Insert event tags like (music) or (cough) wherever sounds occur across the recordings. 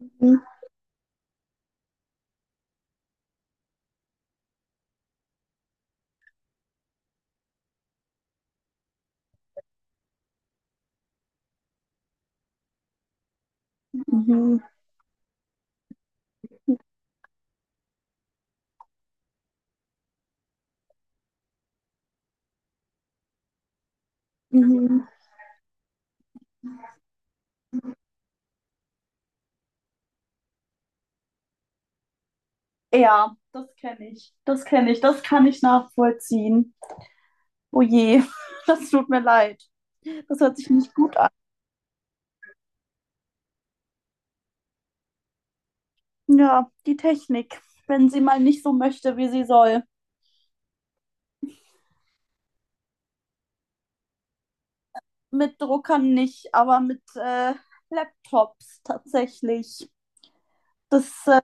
Mhm. Mhm. Mhm. Ja, das kenne ich. Das kenne ich. Das kann ich nachvollziehen. Oh je, (laughs) das tut mir leid. Das hört sich nicht gut an. Ja, die Technik, wenn sie mal nicht so möchte, wie sie soll. Mit Druckern nicht, aber mit Laptops tatsächlich. Das, äh,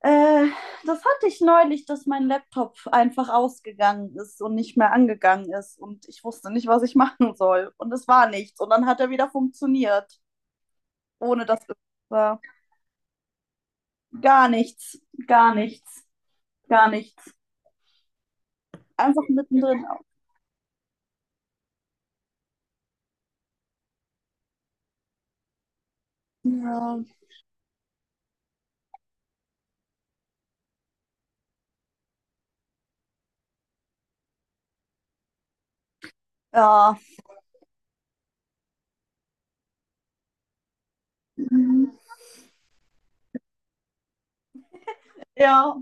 äh, Das hatte ich neulich, dass mein Laptop einfach ausgegangen ist und nicht mehr angegangen ist. Und ich wusste nicht, was ich (laughs) machen soll. Und es war nichts. Und dann hat er wieder funktioniert. Ohne dass es war. Gar nichts, gar nichts, gar nichts. Einfach mittendrin. Ja. Ja. Mhm. Ja.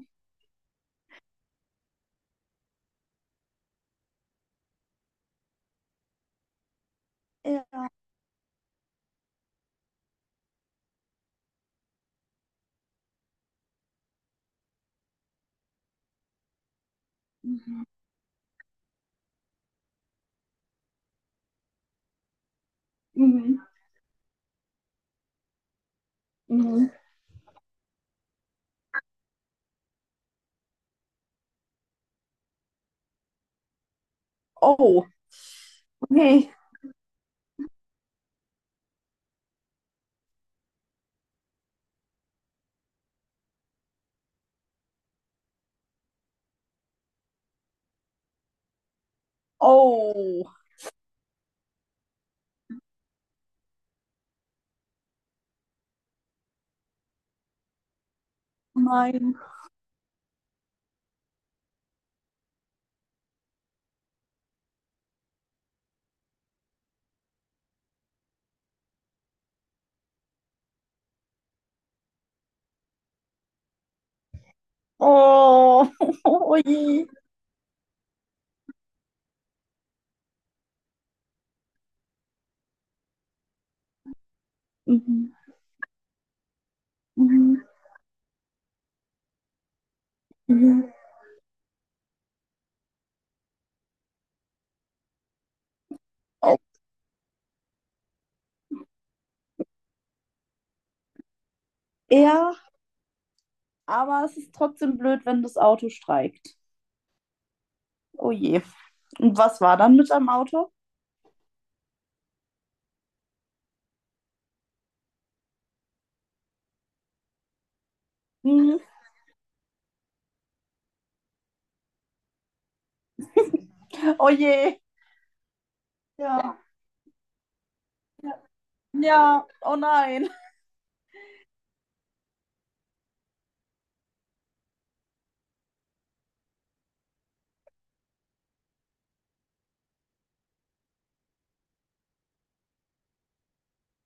Ja. Mhm. Mhm. Oh, nee. Oh, nein. Oh, (laughs) oh je. Mhm. Mhm. Mhm. Oh. Ja, aber es ist trotzdem blöd, wenn das Auto streikt. Oh je. Und was war dann mit deinem Auto? Mhm. Oh je. Ja. Ja. Oh nein.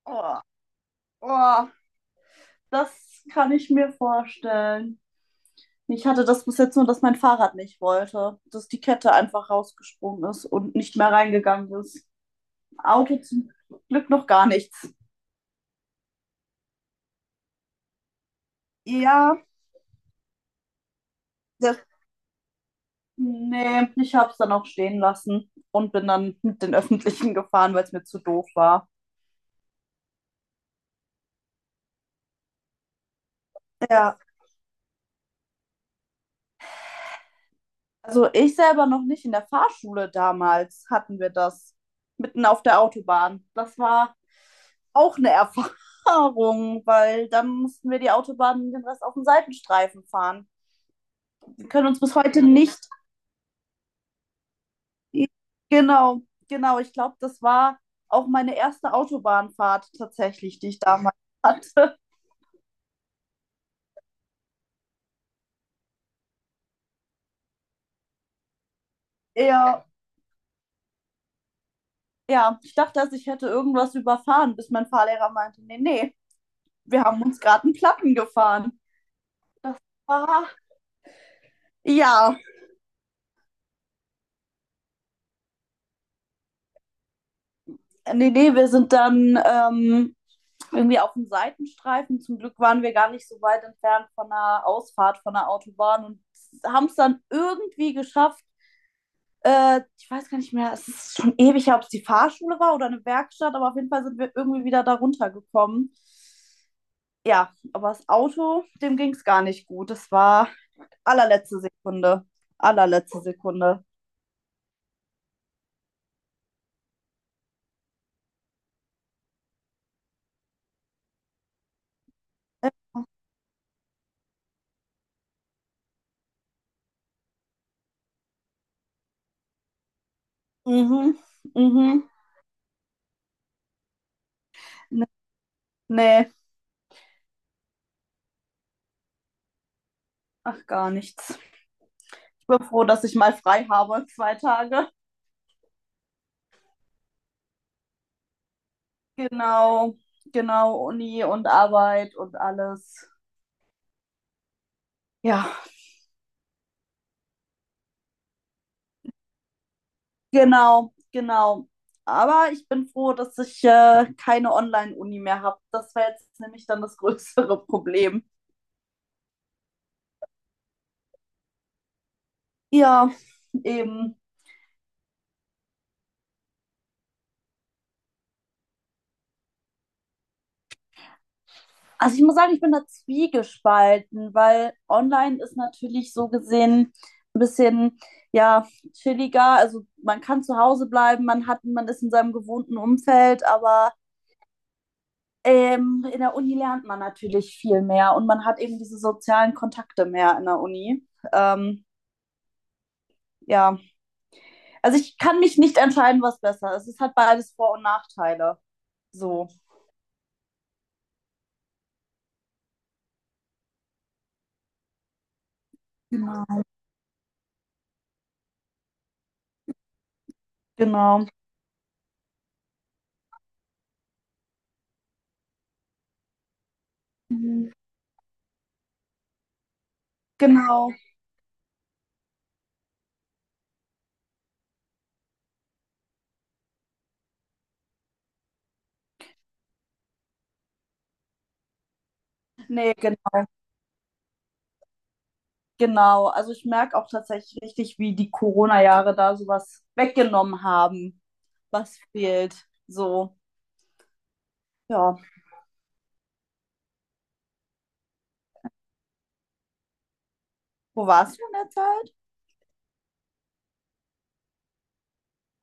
Oh. Oh, das kann ich mir vorstellen. Ich hatte das bis jetzt nur, dass mein Fahrrad nicht wollte, dass die Kette einfach rausgesprungen ist und nicht mehr reingegangen ist. Auto zum Glück noch gar nichts. Ja, das, Nee, ich habe es dann auch stehen lassen und bin dann mit den Öffentlichen gefahren, weil es mir zu doof war. Ja. Also ich selber noch nicht. In der Fahrschule damals hatten wir das. Mitten auf der Autobahn. Das war auch eine (laughs) Erfahrung, weil dann mussten wir die Autobahn den Rest auf dem Seitenstreifen fahren. Wir können uns bis heute nicht. Genau, genau. Ich glaube, das war auch meine erste Autobahnfahrt tatsächlich, die ich damals hatte. Ja, ja, ich dachte, dass ich hätte irgendwas überfahren, bis mein Fahrlehrer meinte, nee, nee, wir haben uns gerade einen Platten gefahren. Ah, ja. Wir sind dann irgendwie auf dem Seitenstreifen. Zum Glück waren wir gar nicht so weit entfernt von einer Ausfahrt von der Autobahn und haben es dann irgendwie geschafft. Ich weiß gar nicht mehr, es ist schon ewig, her, ob es die Fahrschule war oder eine Werkstatt, aber auf jeden Fall sind wir irgendwie wieder da runtergekommen. Ja, aber das Auto, dem ging es gar nicht gut. Das war allerletzte Sekunde. Allerletzte Sekunde. Äh, Mhm, mhm. Nee, nee. Ach, gar nichts. Bin froh, dass ich mal frei habe, zwei Tage. Genau, genau, Uni und Arbeit und alles. Ja, genau, genau. Aber ich bin froh, dass ich keine Online-Uni mehr habe. Das wäre jetzt nämlich dann das größere (laughs) Problem. Ja, eben. Also ich muss sagen, ich bin da zwiegespalten, weil online ist natürlich so gesehen ein bisschen ja chilliger. Also man kann zu Hause bleiben, man hat, man ist in seinem gewohnten Umfeld, aber ähm, in der Uni lernt man natürlich viel mehr und man hat eben diese sozialen Kontakte mehr in der Uni. Ähm, ja, also ich kann mich nicht entscheiden, was besser ist. Es hat beides Vor- und Nachteile. So. Genau. Genau, mhm, genau. Nee, genau, genau. Also ich merke auch tatsächlich richtig, wie die Corona-Jahre da sowas weggenommen haben. Was fehlt. So. Ja. Wo warst du in der Zeit?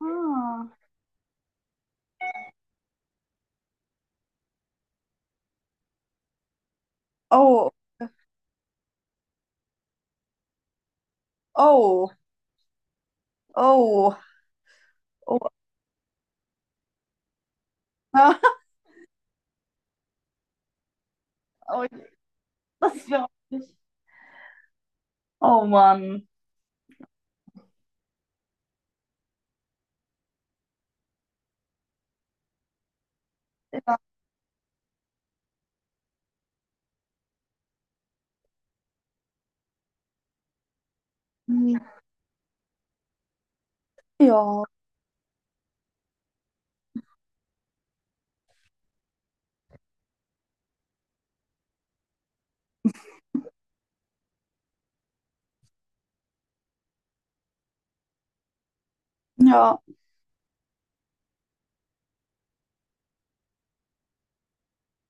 Ah. Oh, oh, oh, oh. (laughs) Oh, das ist ja auch nicht. Oh Mann. Ja, ja, ja,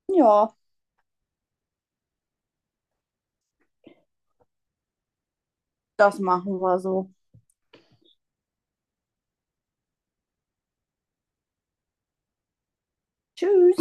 ja, das machen wir so. Tschüss.